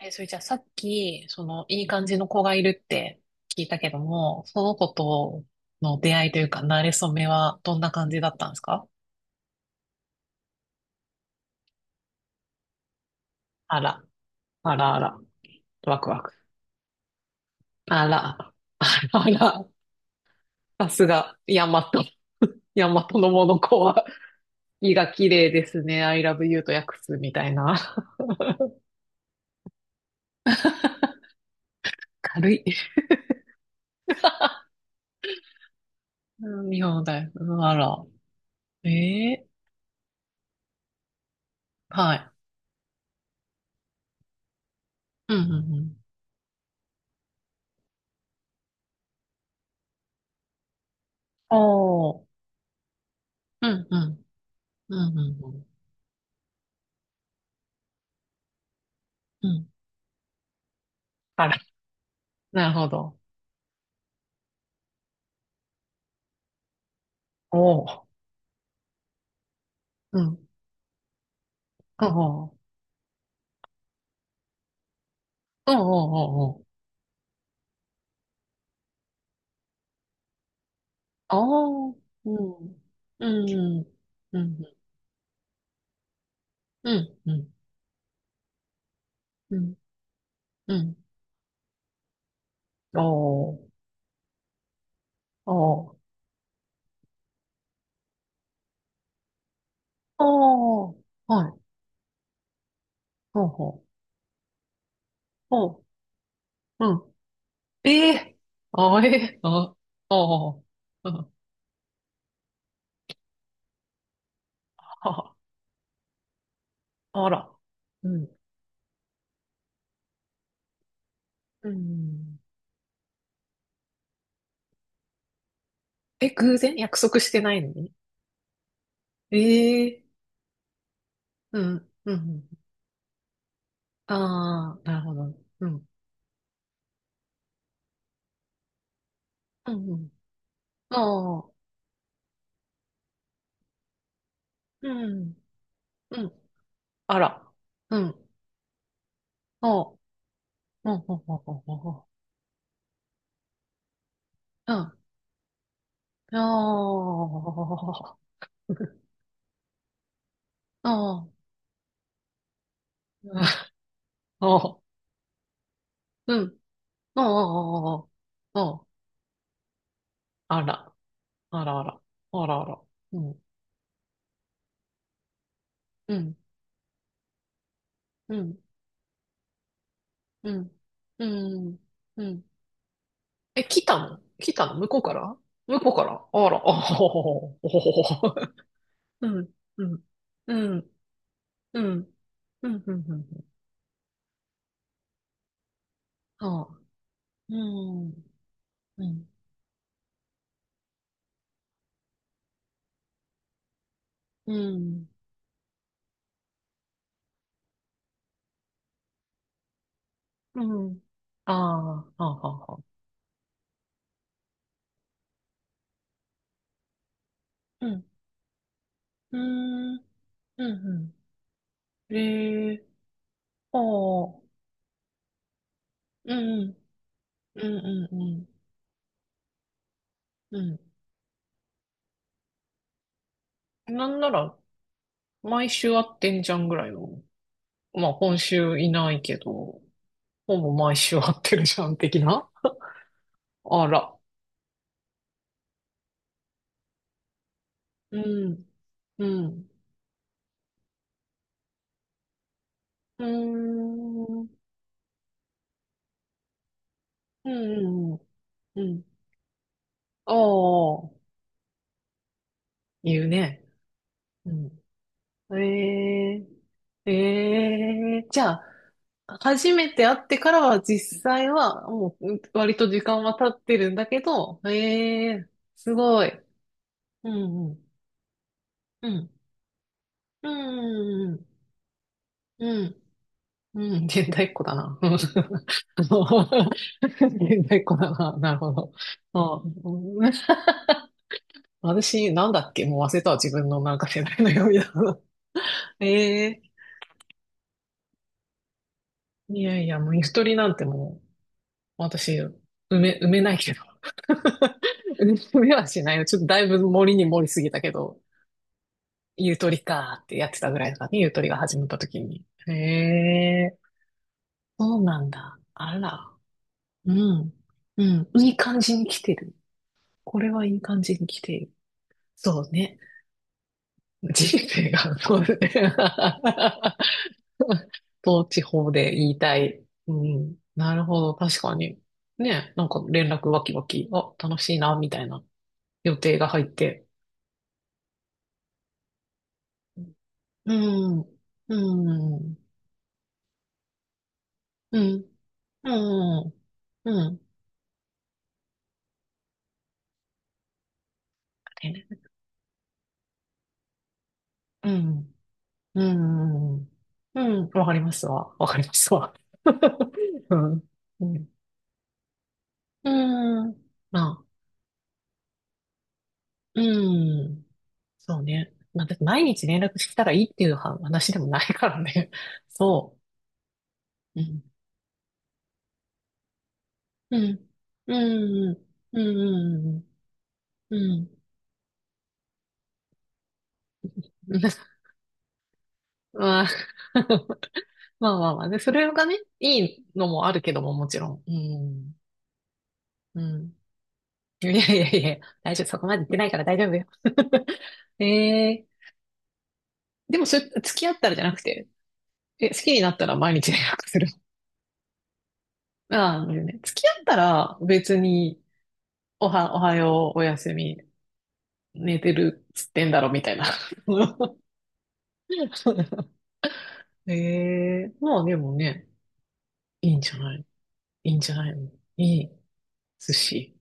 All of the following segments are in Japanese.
え、それじゃあさっき、いい感じの子がいるって聞いたけども、その子との出会いというか、馴れ初めはどんな感じだったんですか？あら、あらあら、ワクワク。あら、あらあら、さすが、ヤマト、ヤマトのモノコは、意が綺麗ですね。I love you と訳すみたいな。軽い。うん、日本だよ。うん、あら。ええ、はい。うんうんうん。おー。うんうん。うんうんうん。うん、あら、なるほど。おお。うん。おお。おお。おお。おお。うん。うん。うん。うん。うん。うん。うん。おお。おお。おお。はい。おお。お、うん。ええ。あえ。あ。おお。あ、あら。うん。うん。え、偶然約束してないのに？ええ。うん。うん。ああ、なるほど。うん。うん。うん。ああ。うん。うん。あら。うん。おう。うん。うん。うん。うん。うん。おー。おー。おー。うん。おー。おー。お、あらあら。あらあら。うん。うん。うん。うん。うん。うん。え、来たの、来たの？向こうから？向こうからあら。おー。うん。うん。うん。うん。うん。うん。うん、ああ、うん。うん。うん。うん。ああ、はあ、はあ、はあ。うん。うーん。うんうん。ええ、ああ。うんうん。うんうんうん。うん。なんなら、毎週会ってんじゃんぐらいの。まあ、今週いないけど、ほぼ毎週会ってるじゃん、的な。あら。うん。うん。うーん。うんうんうん。う、ああ。言うね。うん。ええ、え、え、じゃあ、初めて会ってからは実際はもう割と時間は経ってるんだけど、ええ、すごい。うん、うん、うん、うん、うん、うん、現代っ子だな。うん、あの、 現代っ子だな。なるほど。あ、うん、私、なんだっけ、もう忘れたわ。自分のなんか世代の読みだ。ええ、いやいや、もうゆとりなんてもう、私、埋めないけど。盗め はしないよ。ちょっとだいぶ盛りに盛りすぎたけど、ゆとりかーってやってたぐらいだからね、ゆとりが始まった時に。へえ、そうなんだ。あら。うん。うん。いい感じに来てる。これはいい感じに来ている。そうね。人生が、そうね。統治法で言いたい。うん。なるほど。確かに。ね。なんか連絡わきわき。あ、楽しいな、みたいな予定が入って。うん。うん。うん。うん。うん。うん。うん。うん。うん、わかりますわ。わかりますわ。うん。うん。うん。まあ、うん。そうね。まあ、だって毎日連絡したらいいっていうは話でもないからね。そう。うん。うん。うん。うん。うん。うん。まあ、まあまあまあ。で、それがね、いいのもあるけども、もちろん。うん。うん。いやいやいや、大丈夫、そこまで言ってないから大丈夫よ。ええ、でもそれ、付き合ったらじゃなくて、え、好きになったら毎日連絡する。ああ、なるほどね。付き合ったら別に、おは、おはよう、おやすみ、寝てるっつってんだろ、みたいな。ええ、まあでもね、いいんじゃない、いいんじゃないの。いい。寿司。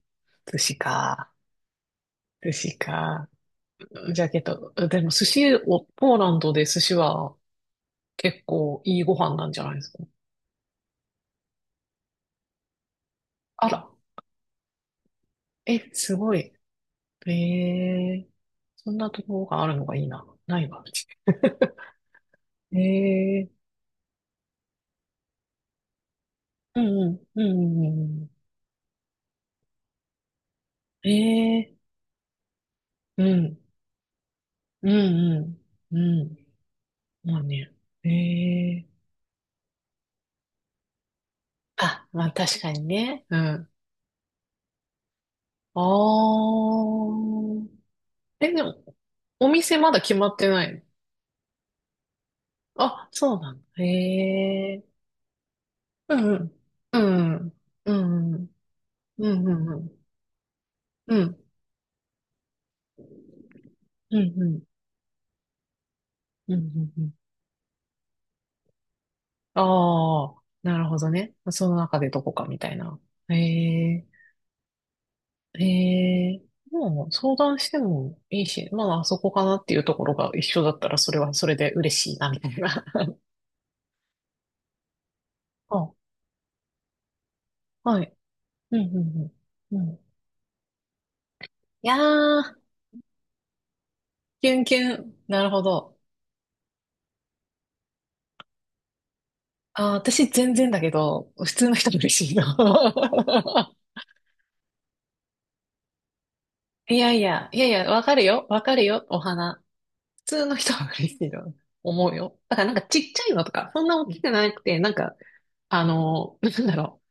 寿司か。寿司か。ジャケット。でも寿司を、ポーランドで寿司は結構いいご飯なんじゃないですか？あら、え、すごい。ええ、そんなところがあるのがいいな。ないわ、うち。ええ、うんうん、うん、うん、うん。ええ、うん、うん、うん、うん。まあね。ええ、あ、まあ確かにね。うん。あー。え、でも、お店まだ決まってないの？あ、そうなんだ。ええ、うん、うん、うん、うん、うん、うん、うん、うん、うん、うん、うん、うん、うんうんああ、なるほどね。その中でどこかみたいな。ええ、ええ、もう相談してもいいし、まあ、あそこかなっていうところが一緒だったらそれはそれで嬉しいな、みたいな。あ、はい。うん、うん、うん。うん。いやー、キュンキュン。なるほど。あー、私全然だけど、普通の人も嬉しいな。いやいや、いやいや、わかるよ。わかるよ。お花。普通の人は嬉しいと思うよ。だからなんかちっちゃいのとか、そんな大きくなくて、なんか、あの、なんだろ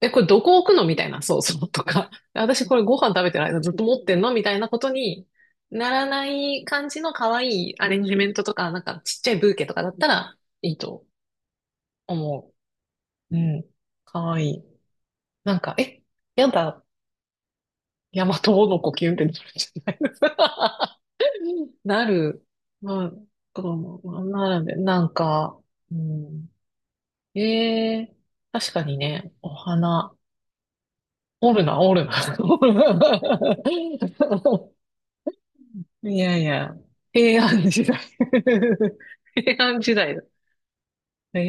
う。え、これどこ置くのみたいな、そうそうとか。私これご飯食べてる間ずっと持ってんのみたいなことにならない感じの可愛いアレンジメントとか、なんかちっちゃいブーケとかだったらいいと思う。うん。可愛い。なんか、え、やだ、ヤマトの子キュンってなるんじゃないの？ なる。まあ、こうなるんで、なんか、うん。ええ、確かにね、お花、おるな、おるな。おるな。いやいや、平安時代 平安時代だ。え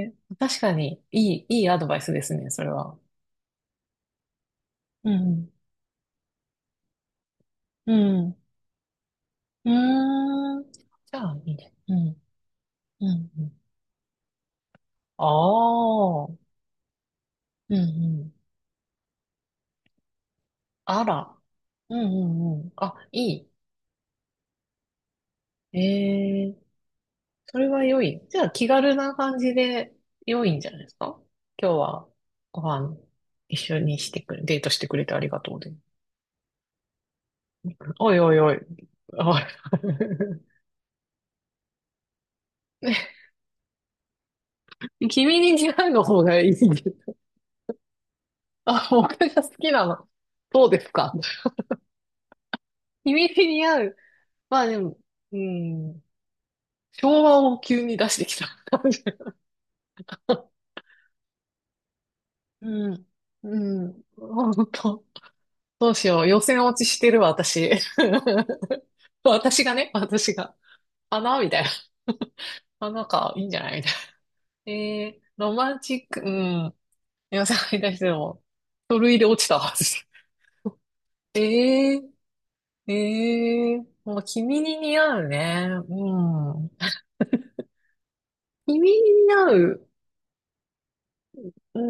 え、確かに、いいアドバイスですね、それは。うん、うん、うーん。じゃあ、いいね。うん、うん、うん。ああ、うん、うん。あら。うん、うん、うん。あ、いい。ええ、それは良い。じゃあ気軽な感じで良いんじゃないですか。今日はご飯一緒にしてくれ、デートしてくれてありがとうで。おいおいおい。おい。 君に似合うの方がいい。あ、僕が好きなの。そうですか。君に似合う。まあでも、うん、昭和を急に出してきた感じ。うん。うん。本当。どうしよう。予選落ちしてるわ、私。私がね、私が。花みたいな。花か、いいんじゃないみたいな。えー、ロマンチック、うん。皆さんに対しても、書類で落ちたはず。えー、えー、もう君に似合うね。うん。君に似合う。う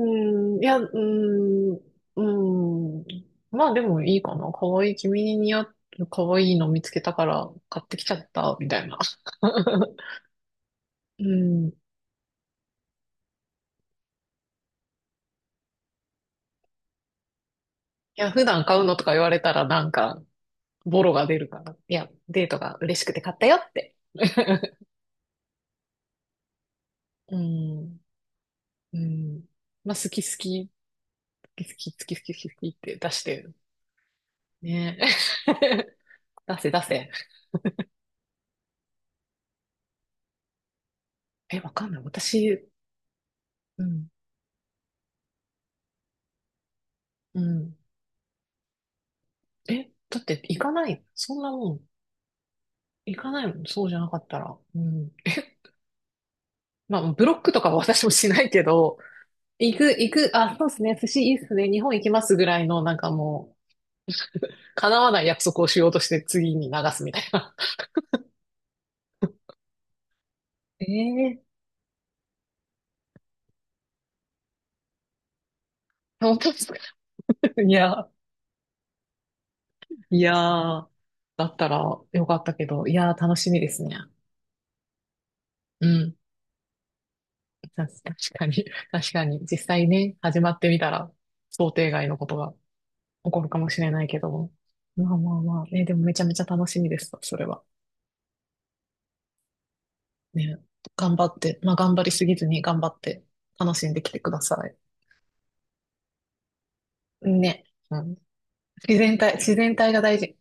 ん、いや、うん、うん。まあでもいいかな。かわいい、君に似合う、かわいいの見つけたから買ってきちゃった、みたいな。うん。いや、普段買うのとか言われたらなんか、ボロが出るから。いや、デートが嬉しくて買ったよって。うん。うん。まあ、好き好き、好き好き、好き好き、好き好きって出してる。ね。 出せ出せ。え、わかんない。私、うん。うん。え、だって行かない。そんなもん。行かないもん。そうじゃなかったら。うん。まあ、ブロックとかは私もしないけど、行く、行く、あ、そうですね。寿司いいっすね。日本行きますぐらいの、なんかもう、叶わない約束をしようとして次に流すみたいな。ええ、本当ですか？ いや、いやー、だったらよかったけど、いやー、楽しみですね。うん。確かに、確かに、実際ね、始まってみたら、想定外のことが起こるかもしれないけども。まあまあまあ、ね、でもめちゃめちゃ楽しみです、それは。ね、頑張って、まあ頑張りすぎずに頑張って、楽しんできてください。ね。うん、自然体、自然体が大事。